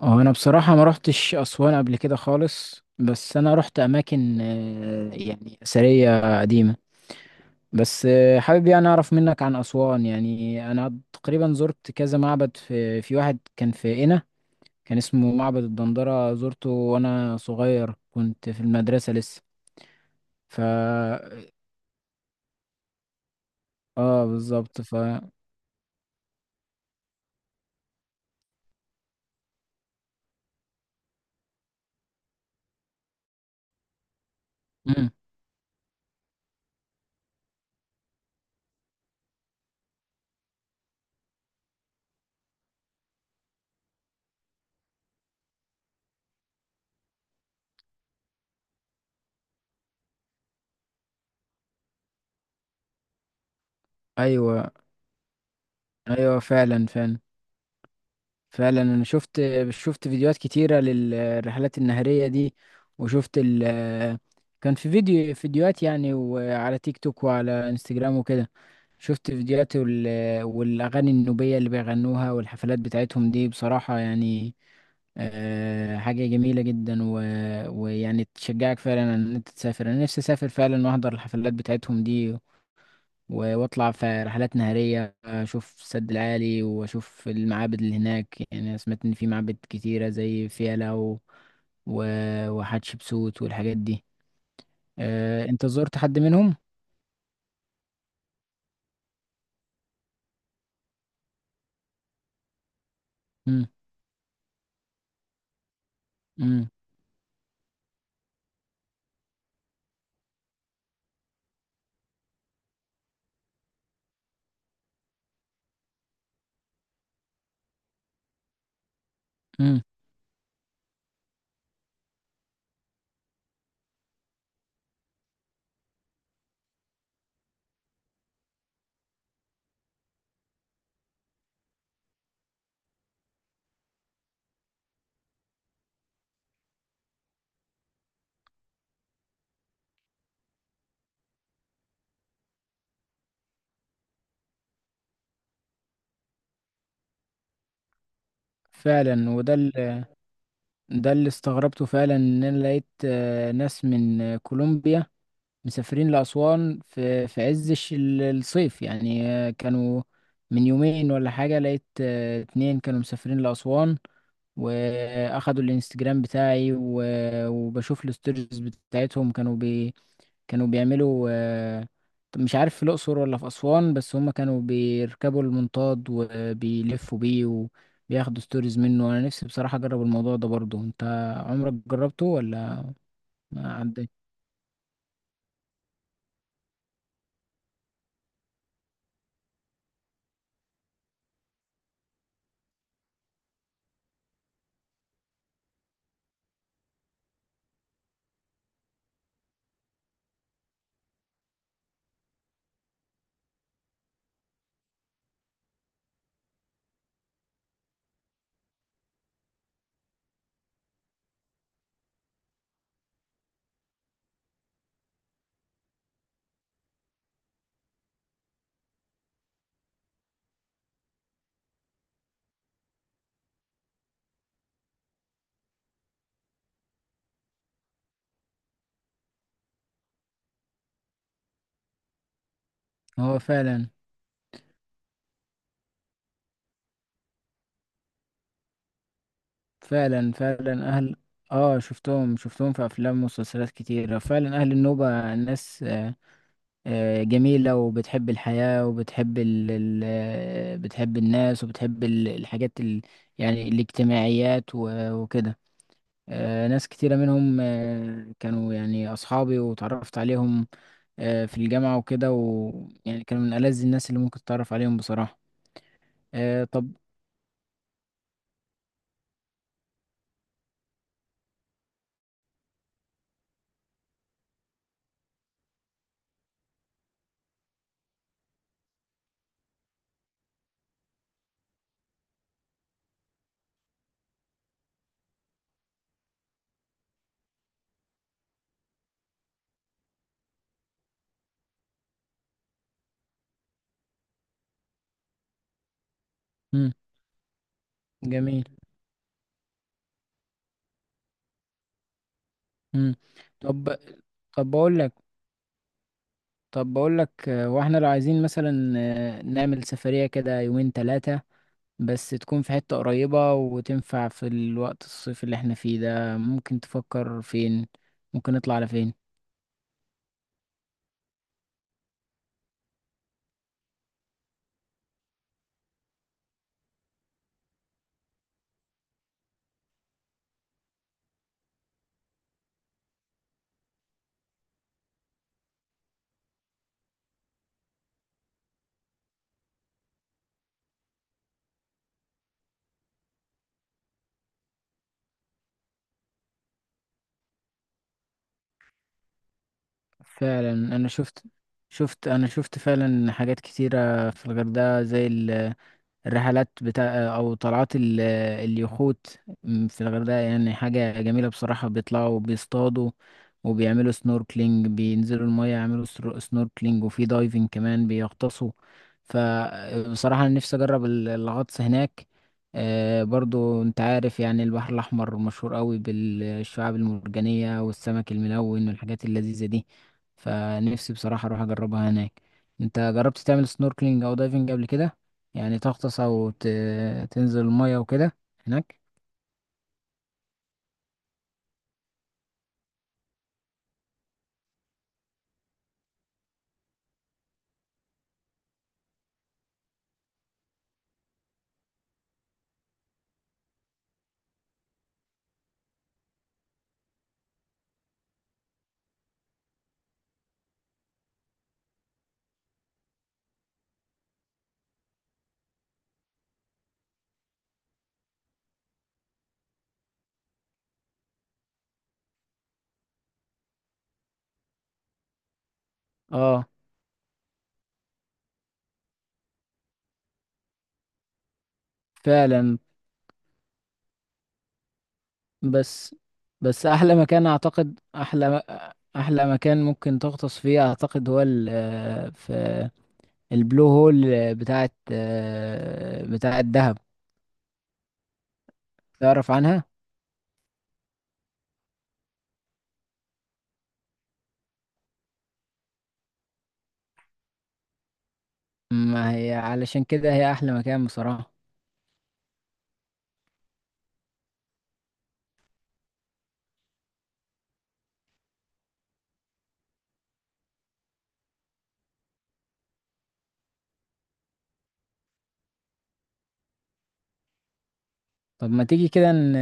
هو انا بصراحة ما رحتش اسوان قبل كده خالص، بس انا رحت اماكن، يعني اثرية قديمة. بس حابب، يعني اعرف منك عن اسوان. يعني انا تقريبا زرت كذا معبد، في واحد كان في قنا. كان اسمه معبد الدندرة، زرته وانا صغير كنت في المدرسة لسه. ف اه، بالظبط. مم. ايوه، ايوه، فعلا فعلا. فعلا، انا شفت شفت فيديوهات كتيرة للرحلات النهرية دي. وشفت ال كان في فيديوهات، يعني، وعلى تيك توك وعلى انستجرام وكده. شفت فيديوهات والاغاني النوبية اللي بيغنوها، والحفلات بتاعتهم دي بصراحة، يعني، حاجة جميلة جدا. ويعني تشجعك فعلا ان انت تسافر. انا نفسي اسافر فعلا، واحضر الحفلات بتاعتهم دي، واطلع في رحلات نهارية، اشوف السد العالي، واشوف المعابد اللي هناك. يعني أنا سمعت ان في معابد كتيرة زي فيلة، وحتشبسوت والحاجات دي. أه، انت زرت حد منهم؟ مم. مم. مم. فعلا، ده اللي استغربته فعلا. ان انا لقيت ناس من كولومبيا، مسافرين لأسوان في عز الصيف، يعني، كانوا من يومين ولا حاجة. لقيت 2 كانوا مسافرين لأسوان، واخدوا الانستجرام بتاعي، وبشوف الستوريز بتاعتهم. كانوا بيعملوا، مش عارف في الأقصر ولا في أسوان، بس هما كانوا بيركبوا المنطاد وبيلفوا بيه، وبياخدوا ستوريز منه. أنا نفسي بصراحة أجرب الموضوع ده برضه. أنت عمرك جربته ولا ما عدى؟ هو، فعلا فعلا فعلا، أهل آه شفتهم في أفلام ومسلسلات كتير. فعلا أهل النوبة ناس جميلة، وبتحب الحياة، وبتحب ال ال بتحب الناس، وبتحب الحاجات يعني الاجتماعيات، وكده. ناس كتيرة منهم، كانوا يعني أصحابي، وتعرفت عليهم في الجامعة وكده. ويعني كانوا من ألذ الناس اللي ممكن تتعرف عليهم بصراحة. طب. مم. جميل. مم. طب طب بقول لك طب بقول لك، واحنا لو عايزين مثلا نعمل سفرية كده يومين ثلاثة. بس تكون في حتة قريبة وتنفع في الوقت الصيف اللي احنا فيه ده. ممكن تفكر فين؟ ممكن نطلع على فين؟ فعلا، انا شفت شفت انا شفت فعلا حاجات كتيرة في الغردقة، زي الرحلات او طلعات اليخوت. في الغردقة يعني حاجة جميلة بصراحة، بيطلعوا، بيصطادوا، وبيعملوا سنوركلينج، بينزلوا المية يعملوا سنوركلينج، وفي دايفنج كمان بيغطسوا. فبصراحة أنا نفسي أجرب الغطس هناك. برضو أنت عارف يعني البحر الأحمر مشهور قوي بالشعاب المرجانية، والسمك الملون، والحاجات اللذيذة دي. فنفسي بصراحة أروح أجربها هناك. أنت جربت تعمل سنوركلينج أو دايفنج قبل كده؟ يعني تغطس او تنزل المية وكده هناك. اه، فعلا. بس بس احلى مكان اعتقد، احلى مكان ممكن تغطس فيه اعتقد، هو في البلو هول بتاعت دهب. تعرف عنها؟ ما هي علشان كده هي احلى مكان بصراحة. طب، ما تيجي كده ن...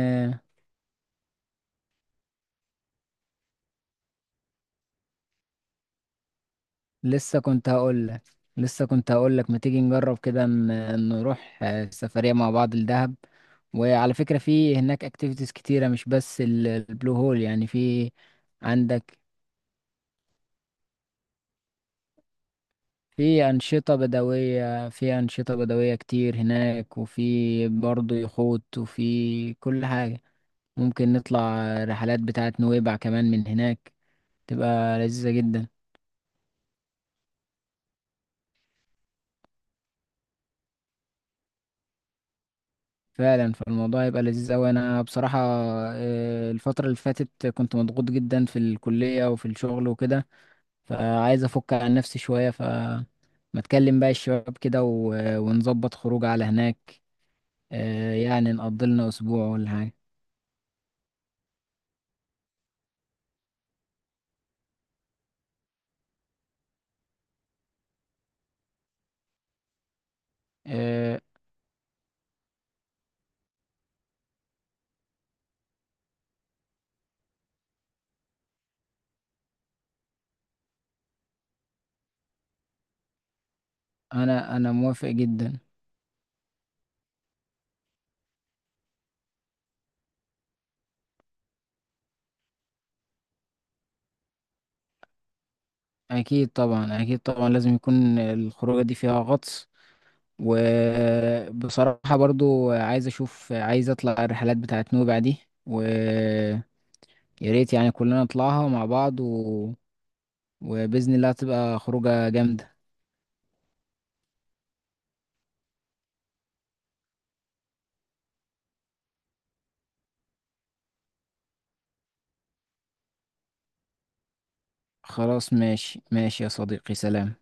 لسه كنت هقول لك لسه كنت هقول لك ما تيجي نجرب كده، نروح سفرية مع بعض الدهب. وعلى فكرة في هناك اكتيفيتيز كتيرة، مش بس البلو هول، يعني في عندك. في أنشطة بدوية كتير هناك، وفي برضه يخوت، وفي كل حاجة. ممكن نطلع رحلات بتاعة نويبع كمان من هناك، تبقى لذيذة جدا. فعلا، فالموضوع يبقى لذيذ أوي. أنا بصراحة الفترة اللي فاتت كنت مضغوط جدا في الكلية وفي الشغل وكده. فعايز أفك عن نفسي شوية. ما أتكلم بقى الشباب كده، ونظبط خروج على هناك. يعني نقضي لنا أسبوع ولا حاجة. آه، أنا موافق جدا. أكيد طبعا، أكيد طبعا لازم يكون الخروجة دي فيها غطس. وبصراحة برضو عايز أطلع الرحلات بتاعت نوبع دي. و يا ريت يعني كلنا نطلعها مع بعض، وبإذن الله تبقى خروجة جامدة. خلاص، ماشي ماشي يا صديقي، سلام.